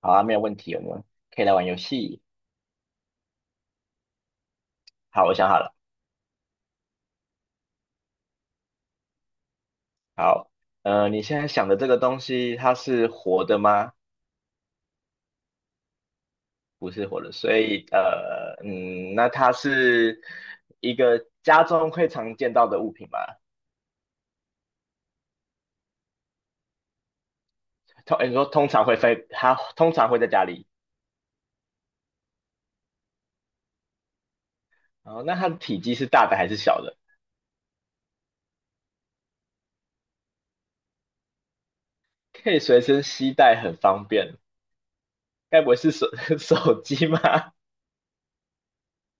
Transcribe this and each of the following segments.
好啊，没有问题，我们可以来玩游戏。好，我想好了。好，你现在想的这个东西，它是活的吗？不是活的，所以那它是一个家中会常见到的物品吗？通，你说通常会飞，它通常会在家里。哦，那它的体积是大的还是小的？可以随身携带，很方便。该不会是手 手机吗？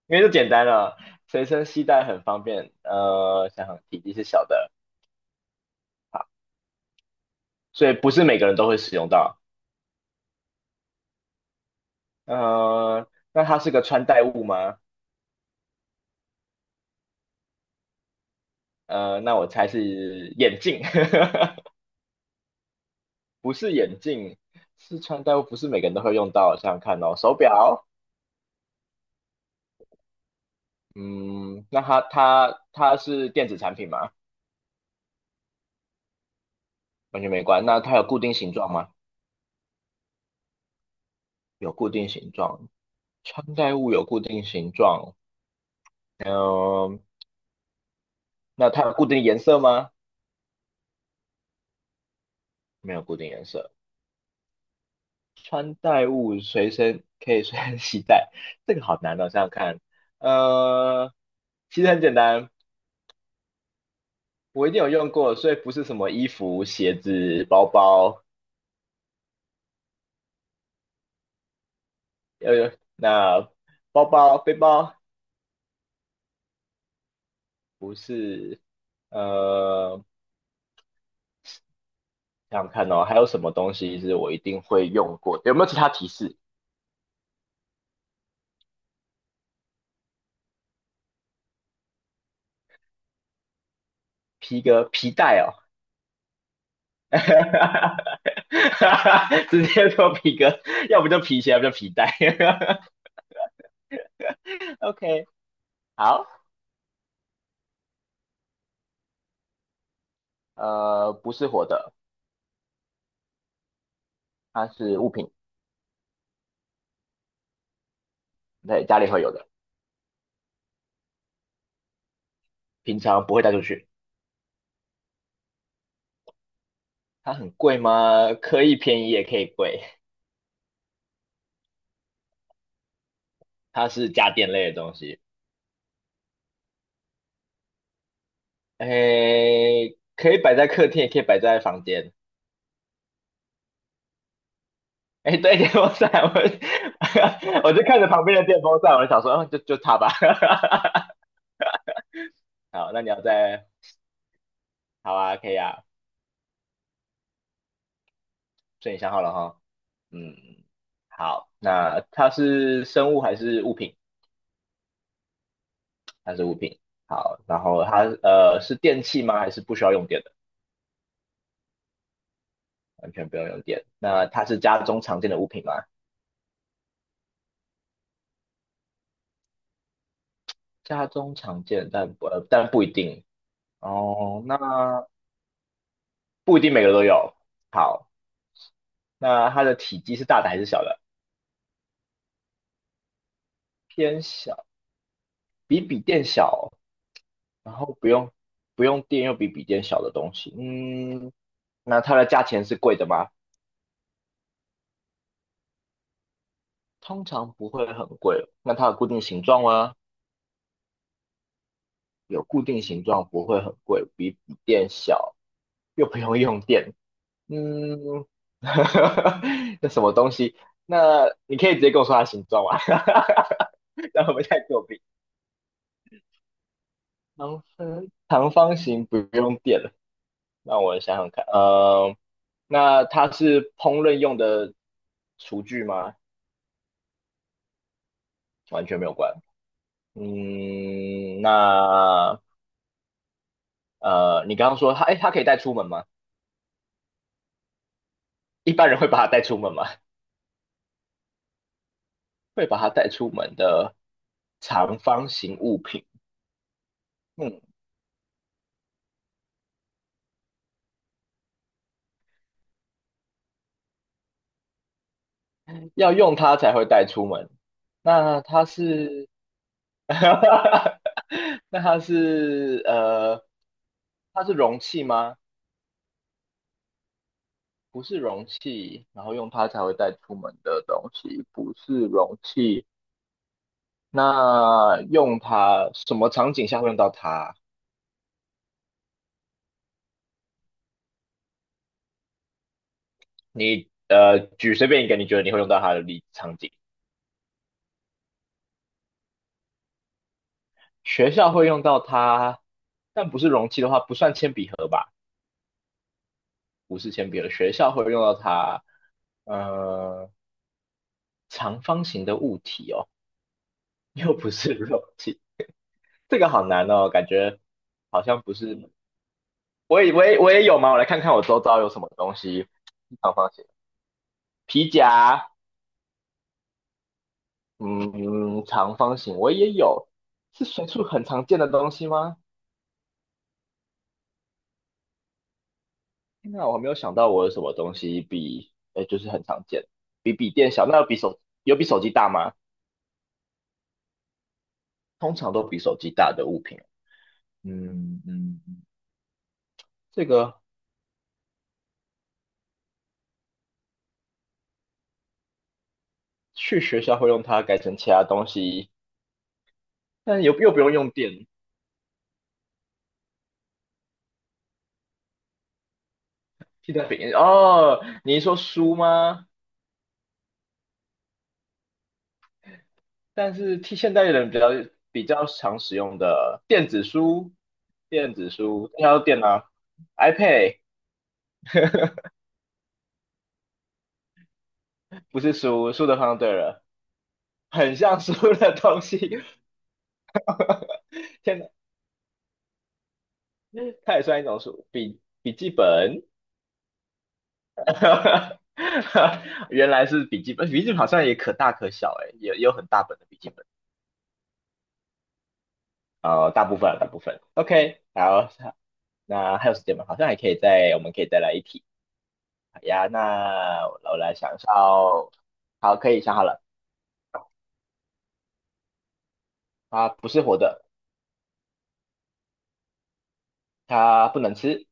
因为就简单了，随身携带很方便。想想体积是小的。所以不是每个人都会使用到。那它是个穿戴物吗？那我猜是眼镜，不是眼镜，是穿戴物，不是每个人都会用到。想想看哦，手表，嗯，那它是电子产品吗？完全没关。那它有固定形状吗？有固定形状，穿戴物有固定形状。嗯、那它有固定颜色吗？没有固定颜色。穿戴物随身可以随身携带，这个好难哦，想想看，呃，其实很简单，我一定有用过，所以不是什么衣服、鞋子、包包，那包包、背包不是，呃，想想看哦，还有什么东西是我一定会用过的？有没有其他提示？皮革、皮带哦，直接说皮革，要不就皮鞋，要不就皮带。OK，好。不是活的，它是物品，在家里会有的，平常不会带出去。它很贵吗？可以便宜也可以贵，它是家电类的东西。诶，可以摆在客厅，也可以摆在房间。诶，对，电风扇，我 我就看着旁边的电风扇，我就想说，嗯，就它吧。好，那你要再，好啊，可以啊，所以你想好了哈。嗯，好，那它是生物还是物品？它是物品。好，然后它是电器吗？还是不需要用电的？完全不用用电。那它是家中常见的物品吗？家中常见，但不一定哦。那不一定每个都有。好，那它的体积是大的还是小的？偏小，比笔电小，然后不用电又比笔电小的东西。嗯，那它的价钱是贵的吗？通常不会很贵。那它有固定形状吗？有固定形状，不会很贵，比笔电小，又不用用电。嗯，那什么东西？那你可以直接跟我说它的形状吗？然后我们再作弊。长方形不用电了，让我想想看。那它是烹饪用的厨具吗？完全没有关。嗯，那你刚刚说它，哎，它可以带出门吗？一般人会把它带出门吗？会把它带出门的长方形物品，嗯，要用它才会带出门。那它是，那它是它是容器吗？不是容器，然后用它才会带出门的东西，不是容器。那用它什么场景下会用到它？你举随便一个你觉得你会用到它的例场景，学校会用到它，但不是容器的话，不算铅笔盒吧？不是铅笔了，学校会用到它，呃，长方形的物体哦，又不是肉体，这个好难哦，感觉好像不是，我也有吗？我来看看我周遭有什么东西，长方形皮夹，嗯，长方形我也有，是随处很常见的东西吗？天哪，我还没有想到我有什么东西比，就是很常见，比笔电小，那有比手机大吗？通常都比手机大的物品，嗯。这个去学校会用它改成其他东西，但又不用用电，替代品哦。你一说书吗？但是替现代人比较常使用的电子书，电子书要电脑，iPad 不是书，书的方对了，很像书的东西。天哪，它也算一种书，笔记本。原来是笔记本，笔记本好像也可大可小、欸，哎，也也有很大本的笔记本。大部分，OK，好，那还有时间吗？好像还可以再，我们可以再来一题。好呀，那我来想一下哦。好，可以想好了，它不是活的，它不能吃，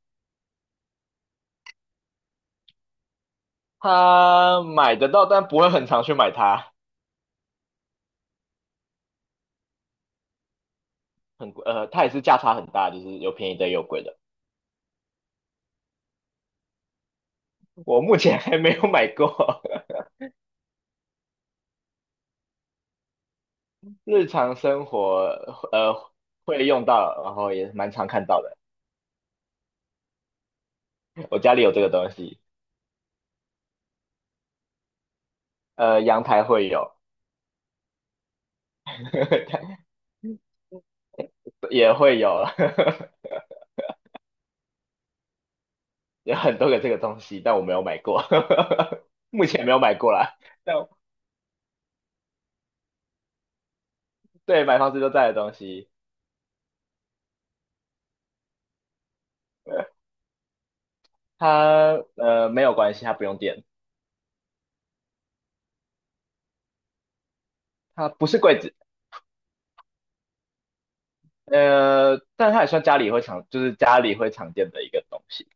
它买得到，但不会很常去买它，很贵，它也是价差很大，就是有便宜的也有贵的。我目前还没有买过，日常生活呃会用到，然后也蛮常看到的。我家里有这个东西，阳台会有。也会有，有很多个这个东西，但我没有买过，目前没有买过啦。但对买房子都在的东西，它没有关系，它不用电，它不是柜子，但它也算家里会常，就是家里会常见的一个东西，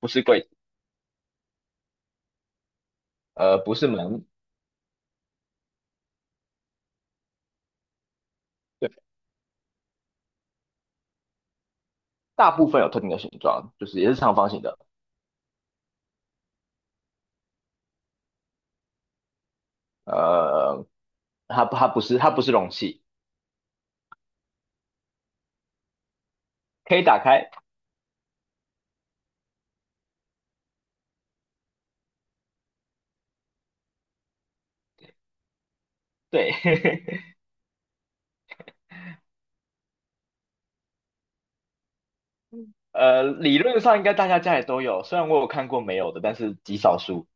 不是柜子，不是门，对，大部分有特定的形状，就是也是长方形的，呃，它不是容器，可以打开，对，理论上应该大家家里都有，虽然我有看过没有的，但是极少数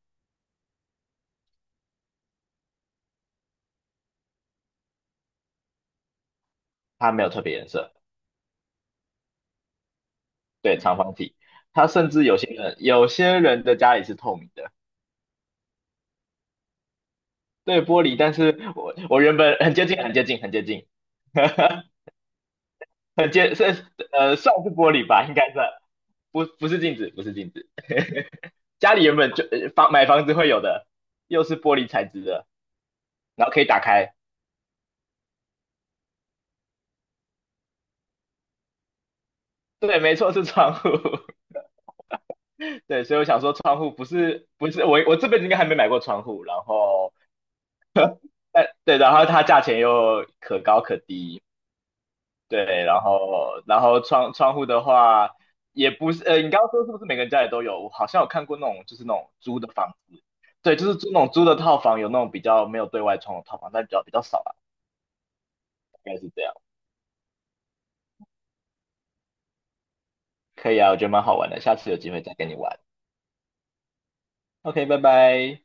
它没有特别颜色。对，长方体，它甚至有些人的家里是透明的，对，玻璃。但是我原本很接近，很接近，很接近，很接是算是玻璃吧，应该算，不是镜子，不是镜子。家里原本就买房子会有的，又是玻璃材质的，然后可以打开。对，没错，是窗户。对，所以我想说，窗户不是不是我这辈子应该还没买过窗户，然后但对，然后它价钱又可高可低，对，然后窗户的话也不是，你刚刚说是不是每个人家里都有？我好像有看过那种那种租的房子，对，就是租那种租的套房，有那种比较没有对外窗的套房，但比较少啦，应该是这样。可以啊，我觉得蛮好玩的，下次有机会再跟你玩。OK，拜拜。